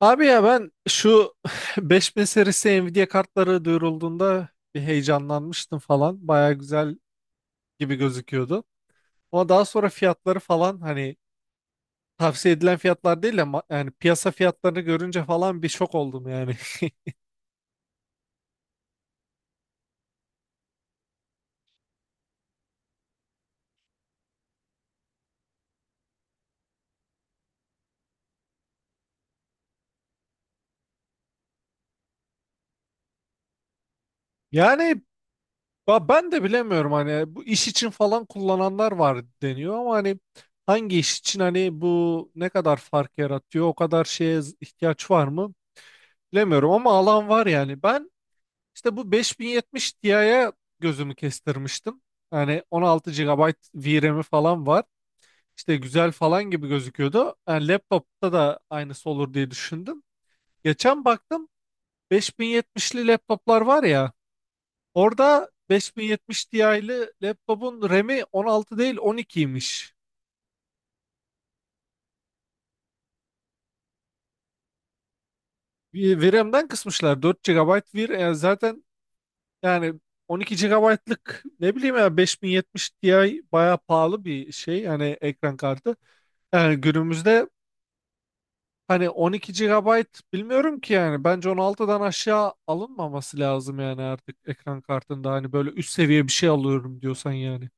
Abi ya ben şu 5000 serisi Nvidia kartları duyurulduğunda bir heyecanlanmıştım falan. Baya güzel gibi gözüküyordu. Ama daha sonra fiyatları falan hani tavsiye edilen fiyatlar değil ama yani piyasa fiyatlarını görünce falan bir şok oldum yani. Yani ben de bilemiyorum hani bu iş için falan kullananlar var deniyor ama hani hangi iş için hani bu ne kadar fark yaratıyor o kadar şeye ihtiyaç var mı bilemiyorum ama alan var yani. İşte bu 5070 Ti'ye gözümü kestirmiştim. Yani 16 gigabayt VRAM'i falan var. İşte güzel falan gibi gözüküyordu. Yani laptopta da aynısı olur diye düşündüm. Geçen baktım 5070'li laptoplar var ya. Orada 5070 Ti'li laptopun RAM'i 16 değil 12'ymiş. Bir VRAM'den kısmışlar, 4 gigabayt VRAM. Yani zaten yani 12 gigabaytlık ne bileyim ya 5070 Ti bayağı pahalı bir şey. Yani ekran kartı. Yani günümüzde hani 12 gigabayt bilmiyorum ki yani bence 16'dan aşağı alınmaması lazım yani artık ekran kartında hani böyle üst seviye bir şey alıyorum diyorsan yani.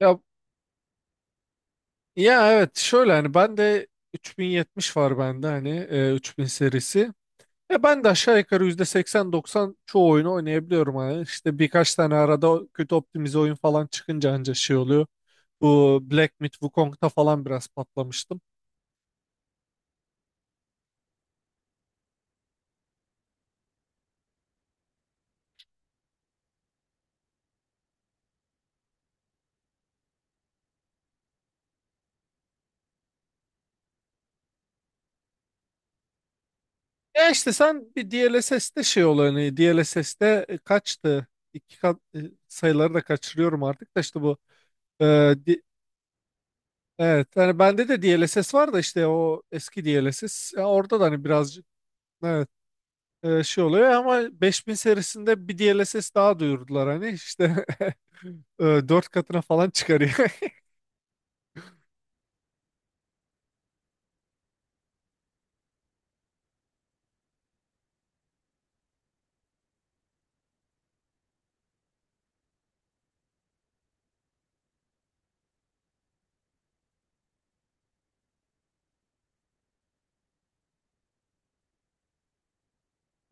Ya ya evet şöyle hani ben de 3070 var bende hani 3000 serisi. Ya ben de aşağı yukarı %80-90 çoğu oyunu oynayabiliyorum hani işte birkaç tane arada kötü optimize oyun falan çıkınca anca şey oluyor. Bu Black Myth Wukong'da falan biraz patlamıştım. Ya işte sen bir DLSS'te şey olanı DLSS'te kaçtı? İki kat sayıları da kaçırıyorum artık da işte bu e, di- evet yani bende de DLSS var da işte o eski DLSS. Ya orada da hani birazcık evet şey oluyor ama 5000 serisinde bir DLSS daha duyurdular hani işte dört katına falan çıkarıyor.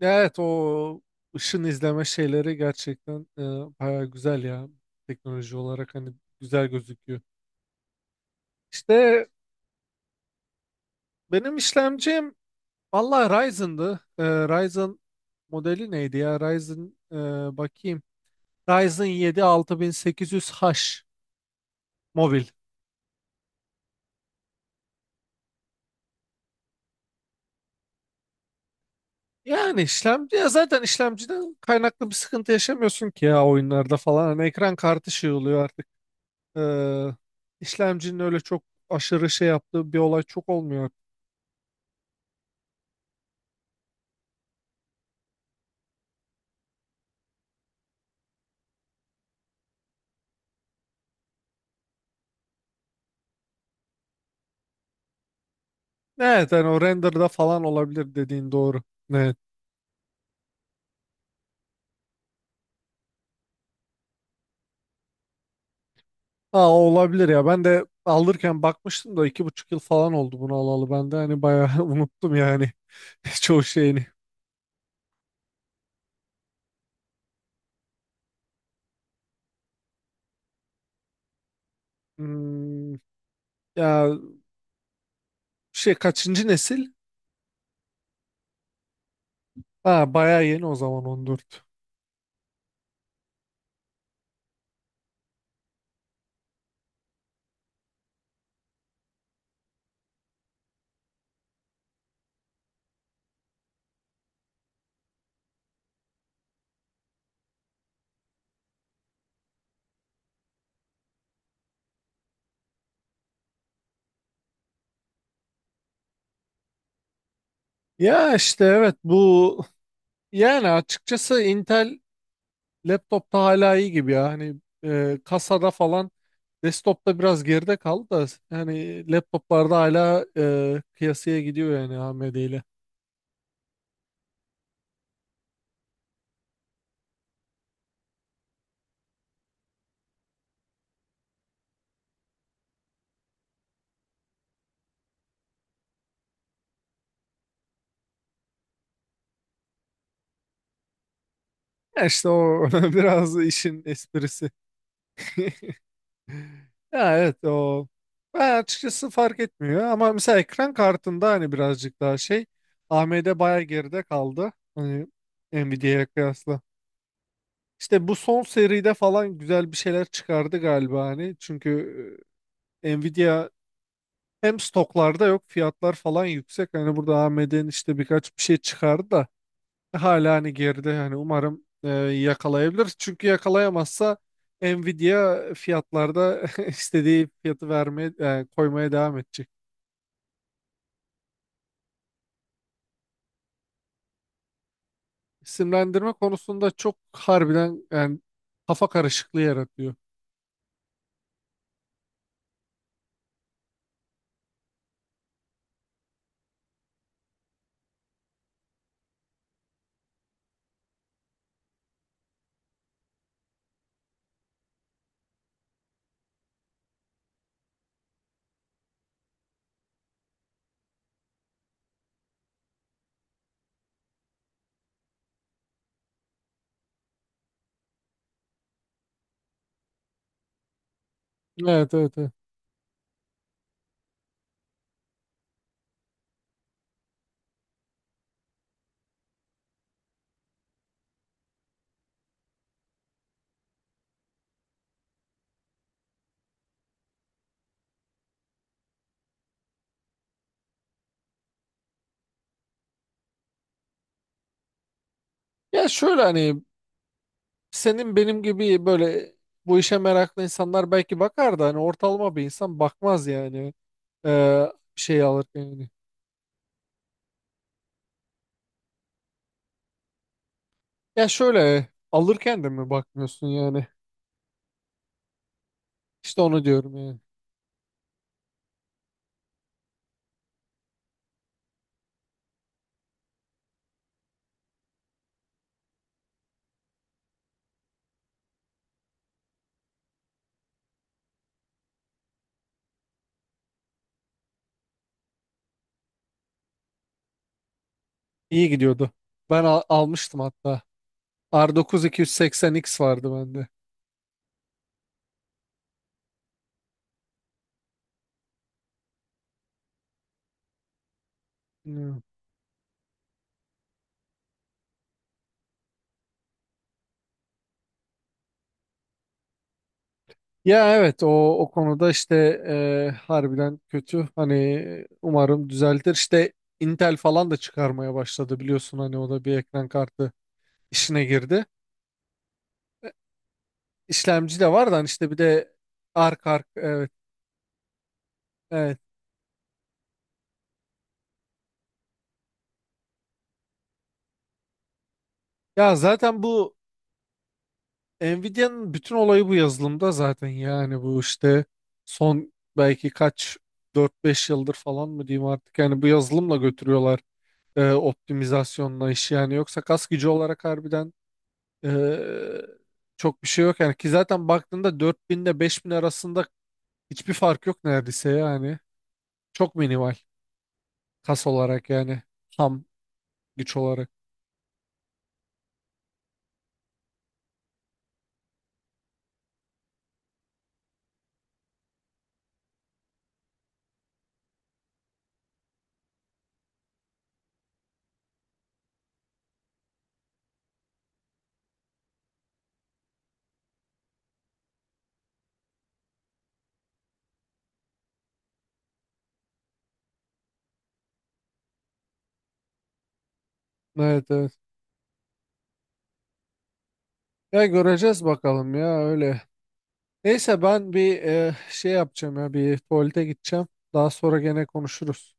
Evet o ışın izleme şeyleri gerçekten baya güzel ya, teknoloji olarak hani güzel gözüküyor. İşte benim işlemcim valla Ryzen'dı. Ryzen modeli neydi ya? Ryzen bakayım. Ryzen 7 6800H mobil. Yani işlemci ya, zaten işlemciden kaynaklı bir sıkıntı yaşamıyorsun ki ya oyunlarda falan. Hani ekran kartı şey oluyor artık. Ee, işlemcinin öyle çok aşırı şey yaptığı bir olay çok olmuyor. Evet yani o renderda falan olabilir, dediğin doğru. Evet. Aa, olabilir ya. Ben de alırken bakmıştım da 2,5 yıl falan oldu bunu alalı. Ben de hani bayağı unuttum yani çoğu şeyini. Hmm, ya şey, kaçıncı nesil? Ha, bayağı yeni o zaman, 14. Ya işte evet, bu yani açıkçası Intel laptopta hala iyi gibi ya. Hani kasada falan Desktop'ta biraz geride kaldı da yani laptoplarda hala kıyasıya gidiyor yani AMD ile. Ya işte o biraz işin esprisi. Ya evet o, ben açıkçası fark etmiyor ama mesela ekran kartında hani birazcık daha şey, AMD baya geride kaldı hani Nvidia'ya kıyasla. İşte bu son seride falan güzel bir şeyler çıkardı galiba hani, çünkü Nvidia hem stoklarda yok, fiyatlar falan yüksek hani, burada AMD'nin işte birkaç bir şey çıkardı da hala hani geride hani, umarım yakalayabilir. Çünkü yakalayamazsa Nvidia fiyatlarda istediği fiyatı vermeye koymaya devam edecek. İsimlendirme konusunda çok harbiden yani kafa karışıklığı yaratıyor. Evet, evet, evet. Ya şöyle hani senin benim gibi böyle bu işe meraklı insanlar belki bakar da hani ortalama bir insan bakmaz yani, e, bir şey alırken yani. Ya şöyle alırken de mi bakmıyorsun yani? İşte onu diyorum yani. İyi gidiyordu. Ben almıştım hatta. R9 280X vardı bende. Hmm. Ya evet o o konuda işte harbiden kötü. Hani umarım düzeltir. İşte Intel falan da çıkarmaya başladı biliyorsun, hani o da bir ekran kartı işine girdi. İşlemci de var da hani işte bir de arka arka evet evet. Ya zaten bu Nvidia'nın bütün olayı bu yazılımda zaten yani, bu işte son belki kaç 4-5 yıldır falan mı diyeyim artık yani, bu yazılımla götürüyorlar optimizasyonla işi yani, yoksa kas gücü olarak harbiden e, çok bir şey yok yani ki, zaten baktığında 4000 ile 5000 arasında hiçbir fark yok neredeyse yani, çok minimal, kas olarak yani, ham güç olarak, evet evet ya, göreceğiz bakalım ya öyle. Neyse ben bir şey yapacağım ya, bir tuvalete gideceğim. Daha sonra gene konuşuruz.